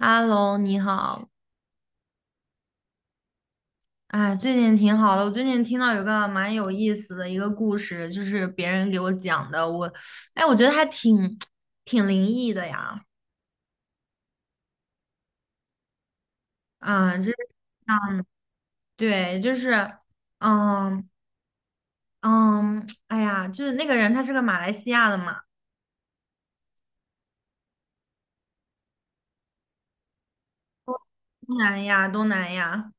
h e 你好。哎，最近挺好的。我最近听到有个蛮有意思的一个故事，就是别人给我讲的。哎，我觉得还挺灵异的呀。嗯，就是啊，对，就是，嗯嗯，哎呀，就是那个人他是个马来西亚的嘛，东南亚，东南亚。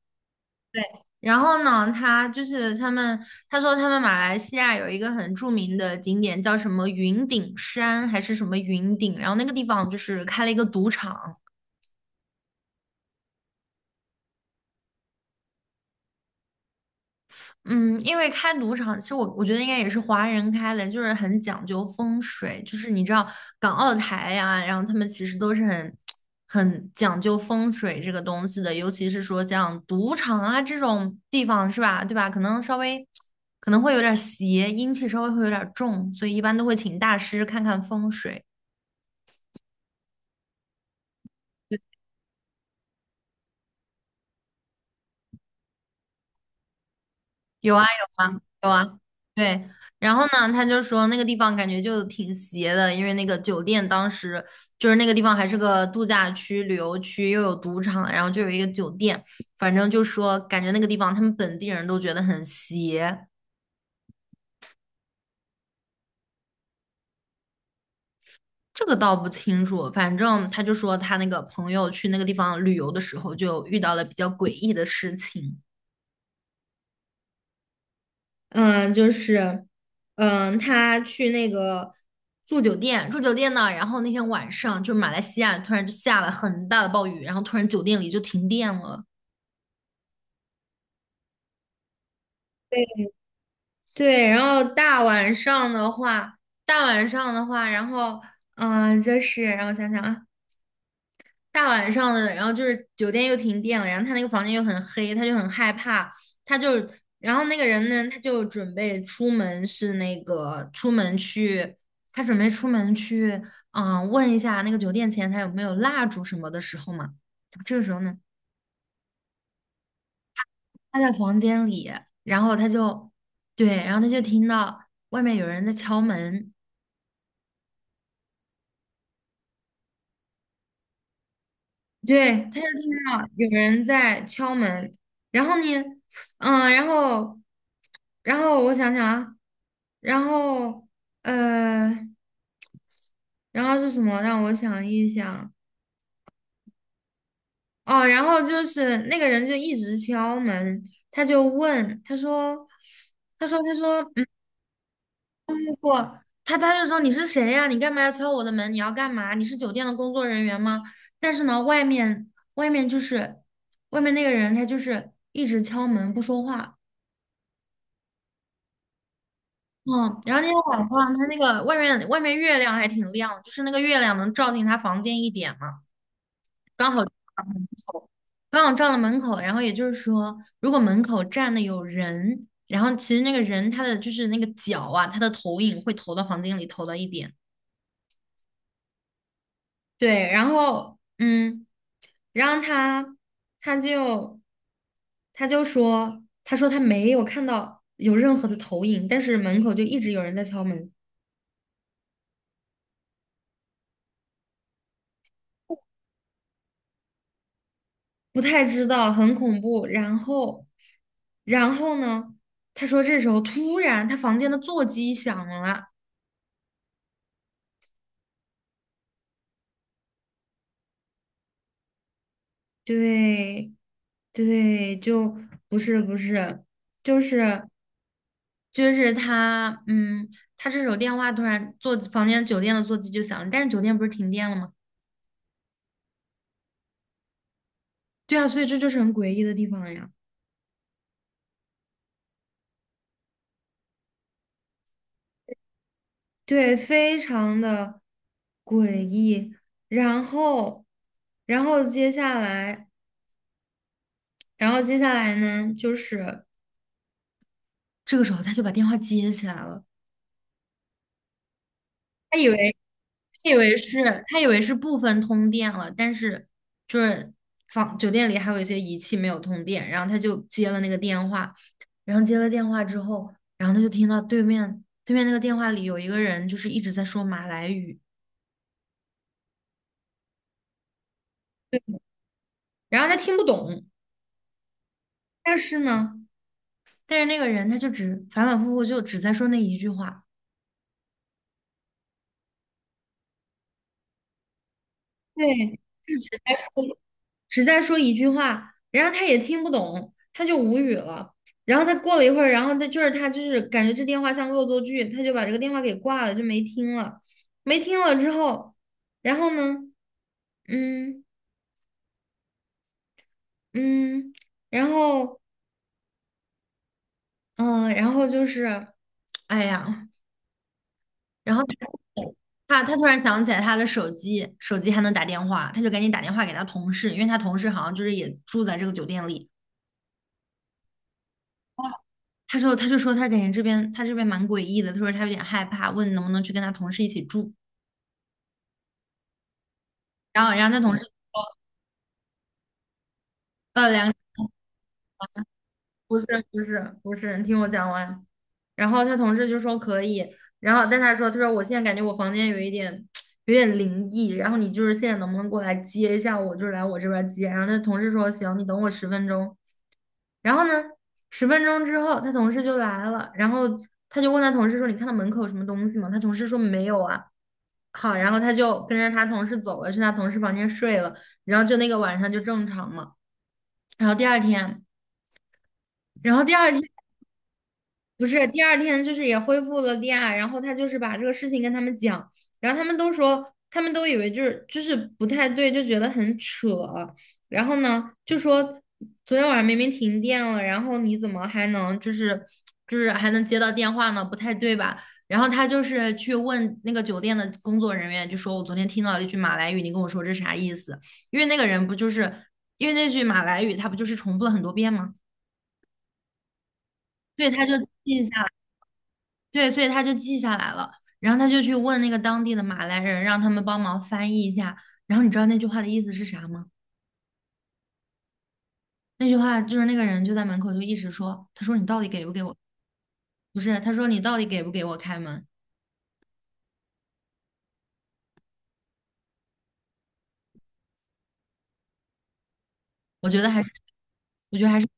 对，然后呢，他说他们马来西亚有一个很著名的景点叫什么云顶山还是什么云顶，然后那个地方就是开了一个赌场。嗯，因为开赌场，其实我觉得应该也是华人开的，就是很讲究风水，就是你知道港澳台呀，然后他们其实都是很讲究风水这个东西的，尤其是说像赌场啊这种地方是吧，对吧？可能稍微可能会有点邪，阴气稍微会有点重，所以一般都会请大师看看风水。有啊有啊有啊，对。然后呢，他就说那个地方感觉就挺邪的，因为那个酒店当时就是那个地方还是个度假区、旅游区，又有赌场，然后就有一个酒店，反正就说感觉那个地方他们本地人都觉得很邪，这个倒不清楚。反正他就说他那个朋友去那个地方旅游的时候，就遇到了比较诡异的事情。嗯，就是，他去那个住酒店呢，然后那天晚上就是马来西亚突然就下了很大的暴雨，然后突然酒店里就停电了。对，然后大晚上的话，然后就是让我想想啊，大晚上的，然后就是酒店又停电了，然后他那个房间又很黑，他就很害怕，他就，然后那个人呢，他就准备出门是那个出门去，他准备出门去，问一下那个酒店前台有没有蜡烛什么的时候嘛，这个时候呢，他在房间里，然后他就，对，然后他就听到外面有人在敲门。对，他就听到有人在敲门，然后呢，嗯，然后，然后我想想啊，然后，呃，然后是什么？让我想一想。哦，然后就是那个人就一直敲门，他就问，他说。不，他就说你是谁呀？你干嘛要敲我的门？你要干嘛？你是酒店的工作人员吗？但是呢，外面那个人，他就是一直敲门不说话。嗯，然后那天晚上，他那个外面月亮还挺亮，就是那个月亮能照进他房间一点嘛，刚好照到门口，刚好照到门口。然后也就是说，如果门口站的有人，然后其实那个人他的就是那个脚啊，他的投影会投到房间里，投到一点。对，然后嗯，然后他他就说，他说他没有看到有任何的投影，但是门口就一直有人在敲门。不太知道，很恐怖。然后呢，他说这时候突然他房间的座机响了，对对，就不是不是，就是。就是他，嗯，他这时候电话突然座房间酒店的座机就响了，但是酒店不是停电了吗？对啊，所以这就是很诡异的地方呀。对，非常的诡异。然后，然后接下来，然后接下来呢，就是这个时候他就把电话接起来了。他以为他以为是他以为是部分通电了，但是就是房酒店里还有一些仪器没有通电，然后他就接了那个电话，然后接了电话之后，然后他就听到对面那个电话里有一个人就是一直在说马来语，然后他听不懂，但是呢，但是那个人他就只反反复复就只在说那一句话。对，还说只在说一句话，然后他也听不懂，他就无语了。然后他过了一会儿，然后他就是感觉这电话像恶作剧，他就把这个电话给挂了，就没听了。没听了之后，然后呢，嗯嗯，然后嗯，然后就是，哎呀，然后他突然想起来他的手机，手机还能打电话，他就赶紧打电话给他同事，因为他同事好像就是也住在这个酒店里。他说他就说他感觉这边他这边蛮诡异的，他说他有点害怕，问能不能去跟他同事一起住。然后，然后他同事呃两不是不是不是，你听我讲完。然后他同事就说可以，然后但他说他说我现在感觉我房间有一点 有点灵异，然后你就是现在能不能过来接一下我，就是来我这边接。然后他同事说行，你等我十分钟。然后呢，十分钟之后，他同事就来了，然后他就问他同事说："你看到门口有什么东西吗？"他同事说："没有啊。"好，然后他就跟着他同事走了，去他同事房间睡了，然后就那个晚上就正常了。然后第二天，然后第二天不是，第二天就是也恢复了利亚，然后他就是把这个事情跟他们讲，然后他们都说，他们都以为就是不太对，就觉得很扯。然后呢，就说昨天晚上明明停电了，然后你怎么还能就是还能接到电话呢？不太对吧？然后他就是去问那个酒店的工作人员，就说我昨天听到了一句马来语，你跟我说这啥意思？因为那个人不就是因为那句马来语，他不就是重复了很多遍吗？对，他就记一下。对，所以他就记下来了，然后他就去问那个当地的马来人，让他们帮忙翻译一下。然后你知道那句话的意思是啥吗？那句话就是那个人就在门口就一直说，他说你到底给不给我？不是，他说你到底给不给我开门？我觉得还是，我觉得还是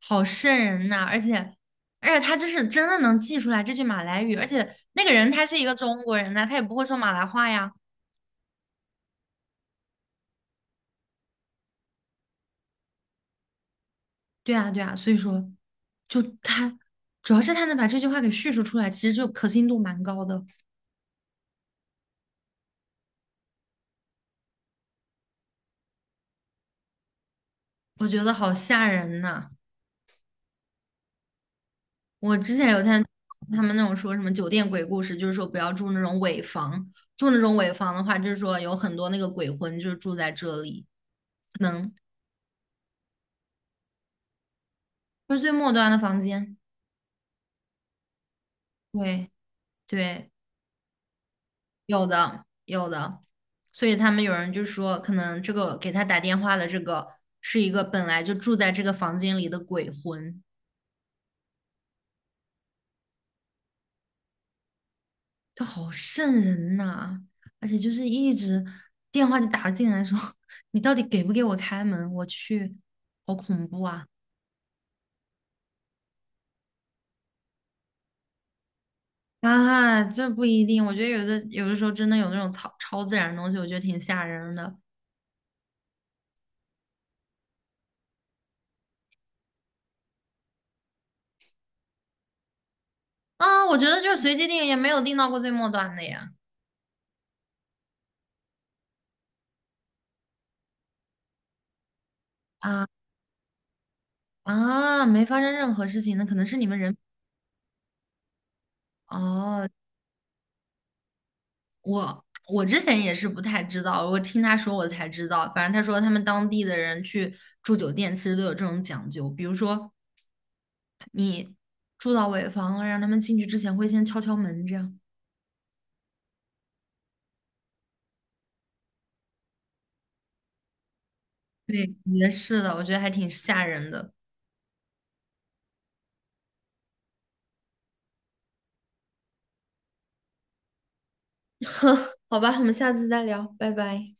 好瘆人呐、而且他这是真的能记出来这句马来语，而且那个人他是一个中国人呐、他也不会说马来话呀。对啊，对啊，所以说，就他主要是他能把这句话给叙述出来，其实就可信度蛮高的。我觉得好吓人呐！我之前有看他们那种说什么酒店鬼故事，就是说不要住那种尾房，住那种尾房的话，就是说有很多那个鬼魂就是住在这里，可能就是最末端的房间。对对，有的有的，所以他们有人就说，可能这个给他打电话的这个是一个本来就住在这个房间里的鬼魂。就好瘆人呐、而且就是一直电话就打进来说 你到底给不给我开门？我去，好恐怖啊！啊，这不一定，我觉得有的时候真的有那种超自然的东西，我觉得挺吓人的。啊，我觉得就是随机定也没有定到过最末端的呀。啊啊，没发生任何事情，那可能是你们人。哦，我之前也是不太知道，我听他说我才知道。反正他说他们当地的人去住酒店其实都有这种讲究，比如说住到尾房了，让他们进去之前会先敲敲门，这样。对，也是的，我觉得还挺吓人的。好吧，我们下次再聊，拜拜。